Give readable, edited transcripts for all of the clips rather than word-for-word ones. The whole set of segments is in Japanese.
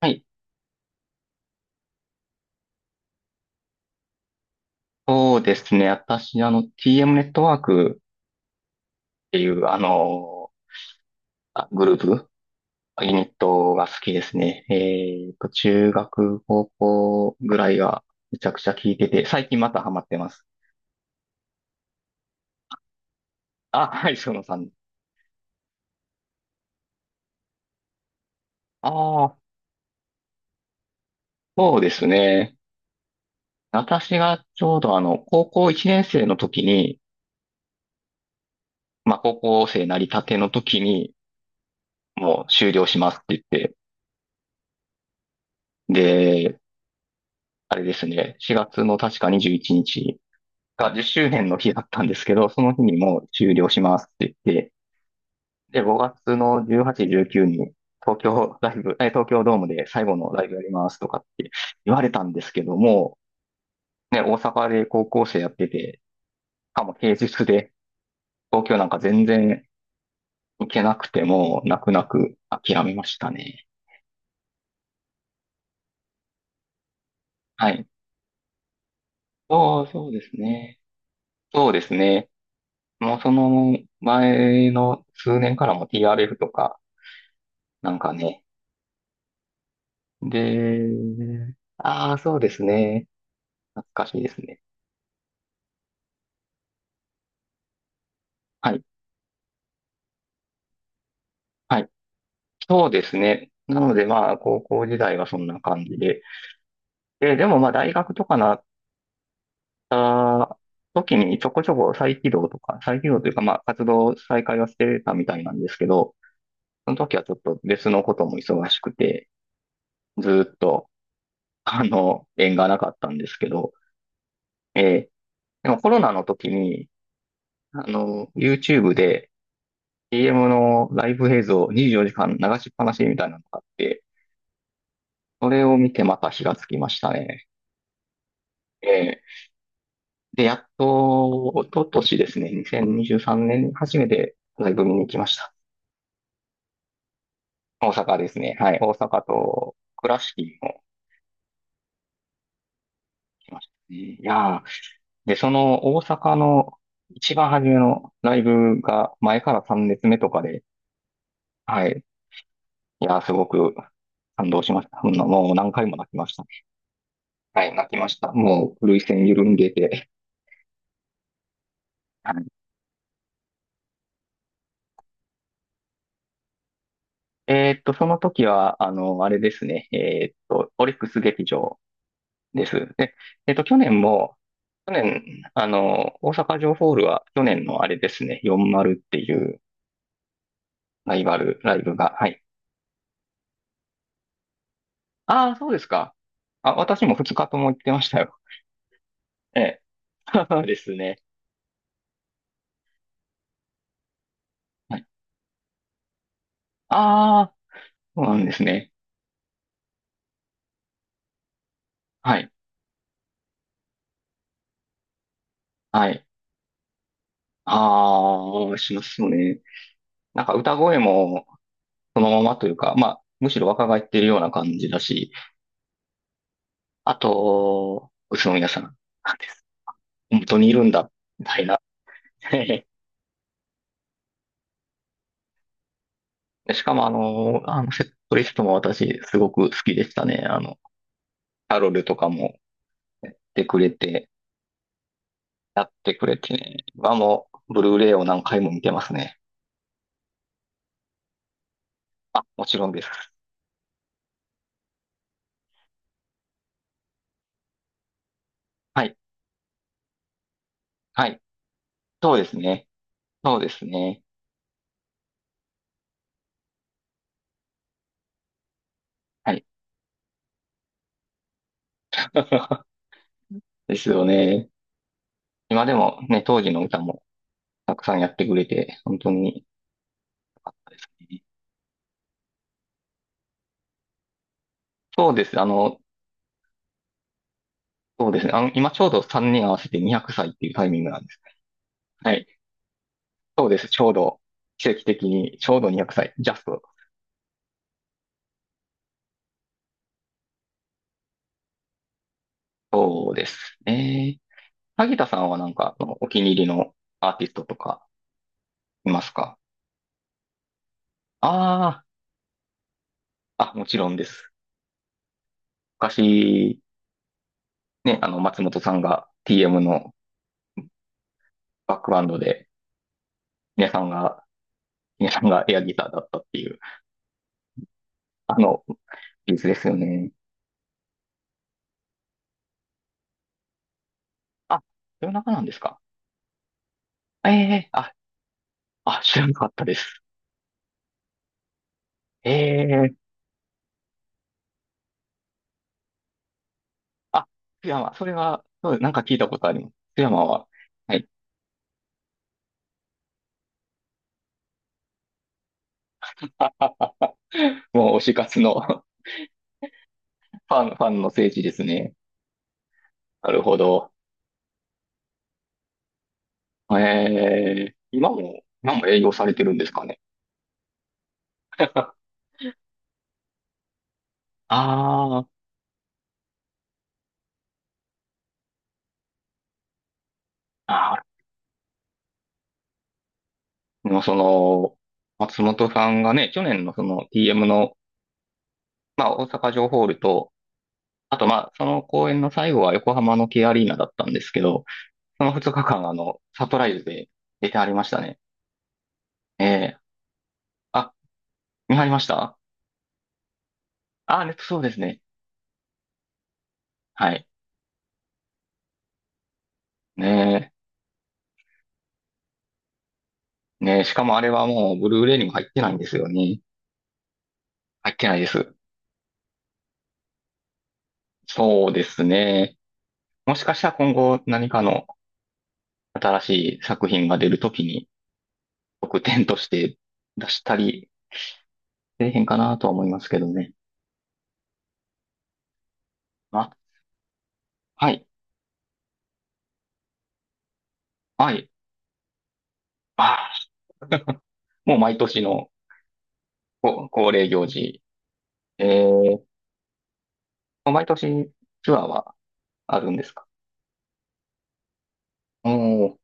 はい。そうですね。私、TM ネットワークっていう、グループ、ユニットが好きですね。中学、高校ぐらいがめちゃくちゃ聞いてて、最近またハマってます。あ、はい、そのさん。ああ、そうですね。私がちょうど高校1年生の時に、まあ、高校生なりたての時に、もう終了しますって言って、で、あれですね、4月の確か21日が10周年の日だったんですけど、その日にもう終了しますって言って、で、5月の18、19に東京ライブ、東京ドームで最後のライブやりますとかって言われたんですけども、ね、大阪で高校生やってて、しかも平日で東京なんか全然行けなくても、泣く泣く諦めましたね。はい。そうですね。そうですね。もうその前の数年からも TRF とか、なんかね、で、ああ、そうですね。懐かしいですね。はい。はい。そうですね。なので、まあ、高校時代はそんな感じで。でも、まあ、大学とかなった時にちょこちょこ再起動とか、再起動というか、まあ、活動再開はしてたみたいなんですけど、その時はちょっと別のことも忙しくて、ずーっと、縁がなかったんですけど、えーでもコロナの時に、YouTube で、CM のライブ映像24時間流しっぱなしみたいなのがあって、それを見てまた火がつきましたね。ええで、やっと、一昨年ですね、2023年にじゅうさんねんに初めてライブ見に行きました。大阪ですね。はい。大阪と倉敷にも来ましたね。いやー、で、その大阪の一番初めのライブが前から3列目とかで、はい。いやー、すごく感動しました。うんもう何回も泣きましたね。はい、泣きました。もう、涙腺緩んでて、はい。その時は、あれですね。オリックス劇場です。で、えーっと、去年も、去年、大阪城ホールは、去年のあれですね、4丸っていうライブが、はい。ああ、そうですか。あ、私も2日とも行ってましたよ。ええ、そうですね。はい。ああ、そうなんですね。はい。はい。ああ、しますね。なんか歌声も、そのままというか、まあ、むしろ若返ってるような感じだし、あと、宇都宮さんなんです。本当にいるんだ、みたいな。しかもあのセットリストも私すごく好きでしたね。カロルとかもやってくれて、やってくれてね。今もブルーレイを何回も見てますね。あ、もちろんです。はい。はい。そうですね。そうですね。はい。ですよね。今でもね、当時の歌もたくさんやってくれて、本当に良かったですね。そうです。そうですね。今ちょうど3年合わせて200歳っていうタイミングなんです。はい。そうです。ちょうど、奇跡的に、ちょうど200歳。ジャスト。そうですね。萩田さんはなんか、そのお気に入りのアーティストとかいますか？ああー、あ、もちろんです。昔、ね、松本さんが TM のバックバンドで、皆さんが、皆さんがエアギターだったっていう、あの、ピースですよね。あ、夜中なんですか？ええー。あ、知らなかったです。ええ。あ、津山、それは、そうなんか聞いたことあります。津山は、はい。もう推し活の ファンの聖地ですね。なるほど。今も営業されてるんですかね。あー。あー、もうその、松本さんがね、去年のその TM の、まあ大阪城ホールと、あとまあその公演の最後は横浜の K アリーナだったんですけど、その2日間サプライズで出てありましたね。ええあ、見張りましたああ、ネットそうですね。はい。ねえ。ねえ。しかもあれはもう、ブルーレイにも入ってないんですよね。入ってないです。そうですね。もしかしたら今後何かの新しい作品が出るときに、特典として出したり、せえへんかなとは思いますけどね。あ、はい。はい。ああ、もう毎年の恒例行事。えー、毎年ツアーはあるんですか？おー。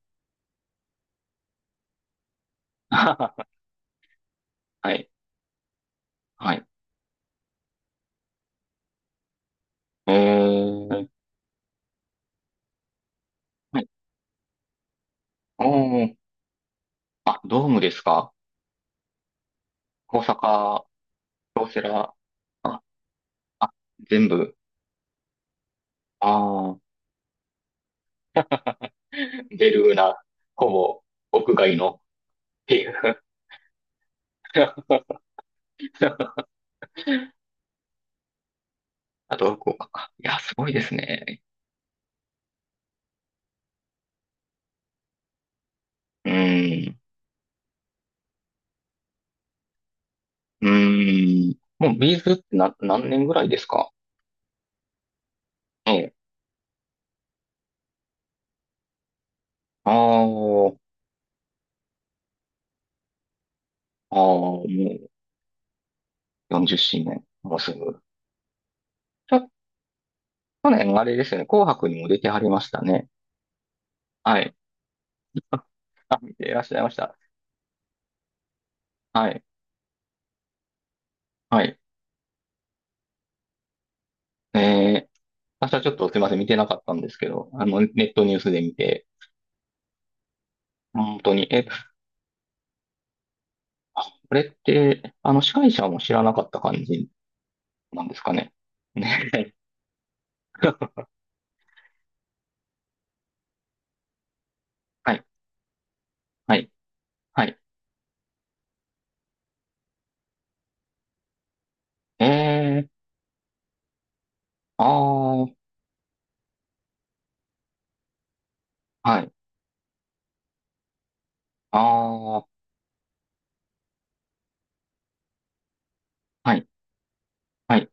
はい。はい。えー、はい。おー。あ、ドームですか？大阪、京セラ、あ、あ、全部、ああ、ベルーナ、ほぼ、屋外の、っていう。あと、福岡か。いや、すごいですね。うーん、うーん。もう、ビーズってな、何年ぐらいですか？ええ。ああ、ああ、もう40周年。もうすぐ。ちょ、去年、あれですよね。紅白にも出てはりましたね。はい。あ、見ていらっしゃいましたはい。はい。えー私はちょっとすいません、見てなかったんですけど、ネットニュースで見て、本当に、これって、司会者も知らなかった感じなんですかね。ね。はい、はい、はい。えー、あー、はい、あー、はい、はい、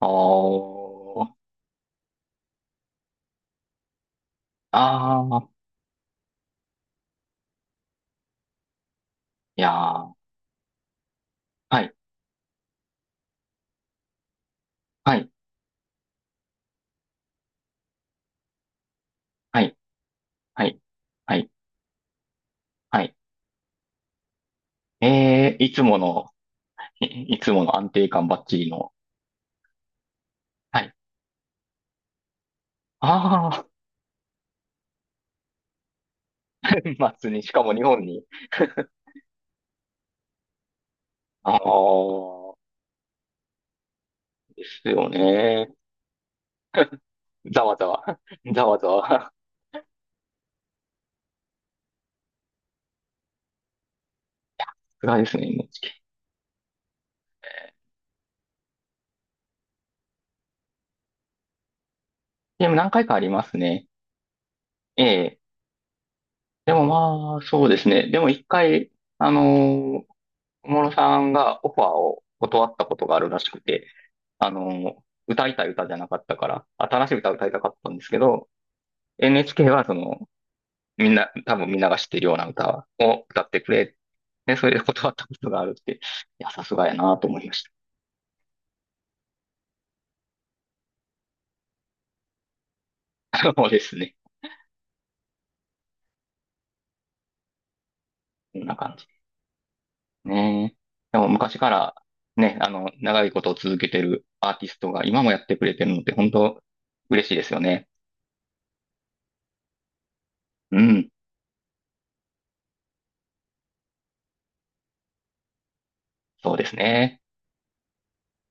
あー、あー、いやー、はい、はい、はい、はい、はい、はい。いつもの、いいつもの安定感バッチリの、はい、あー、ますね。しかも日本に、あー、ですよね。ざわざわ。ざわざわ。さいですね、NHK。でも何回かありますね。ええ。でもまあ、そうですね。でも一回、あのー小室さんがオファーを断ったことがあるらしくて、あのー歌いたい歌じゃなかったから、新しい歌を歌いたかったんですけど、NHK はその、みんな、多分みんなが知ってるような歌を歌ってくれ。で、それで断ったことがあるって、いや、さすがやなと思いました。そうですね。こんな感じ。ねえ。でも昔からね、長いことを続けてるアーティストが今もやってくれてるのって本当嬉しいですよね。うん。そうですね。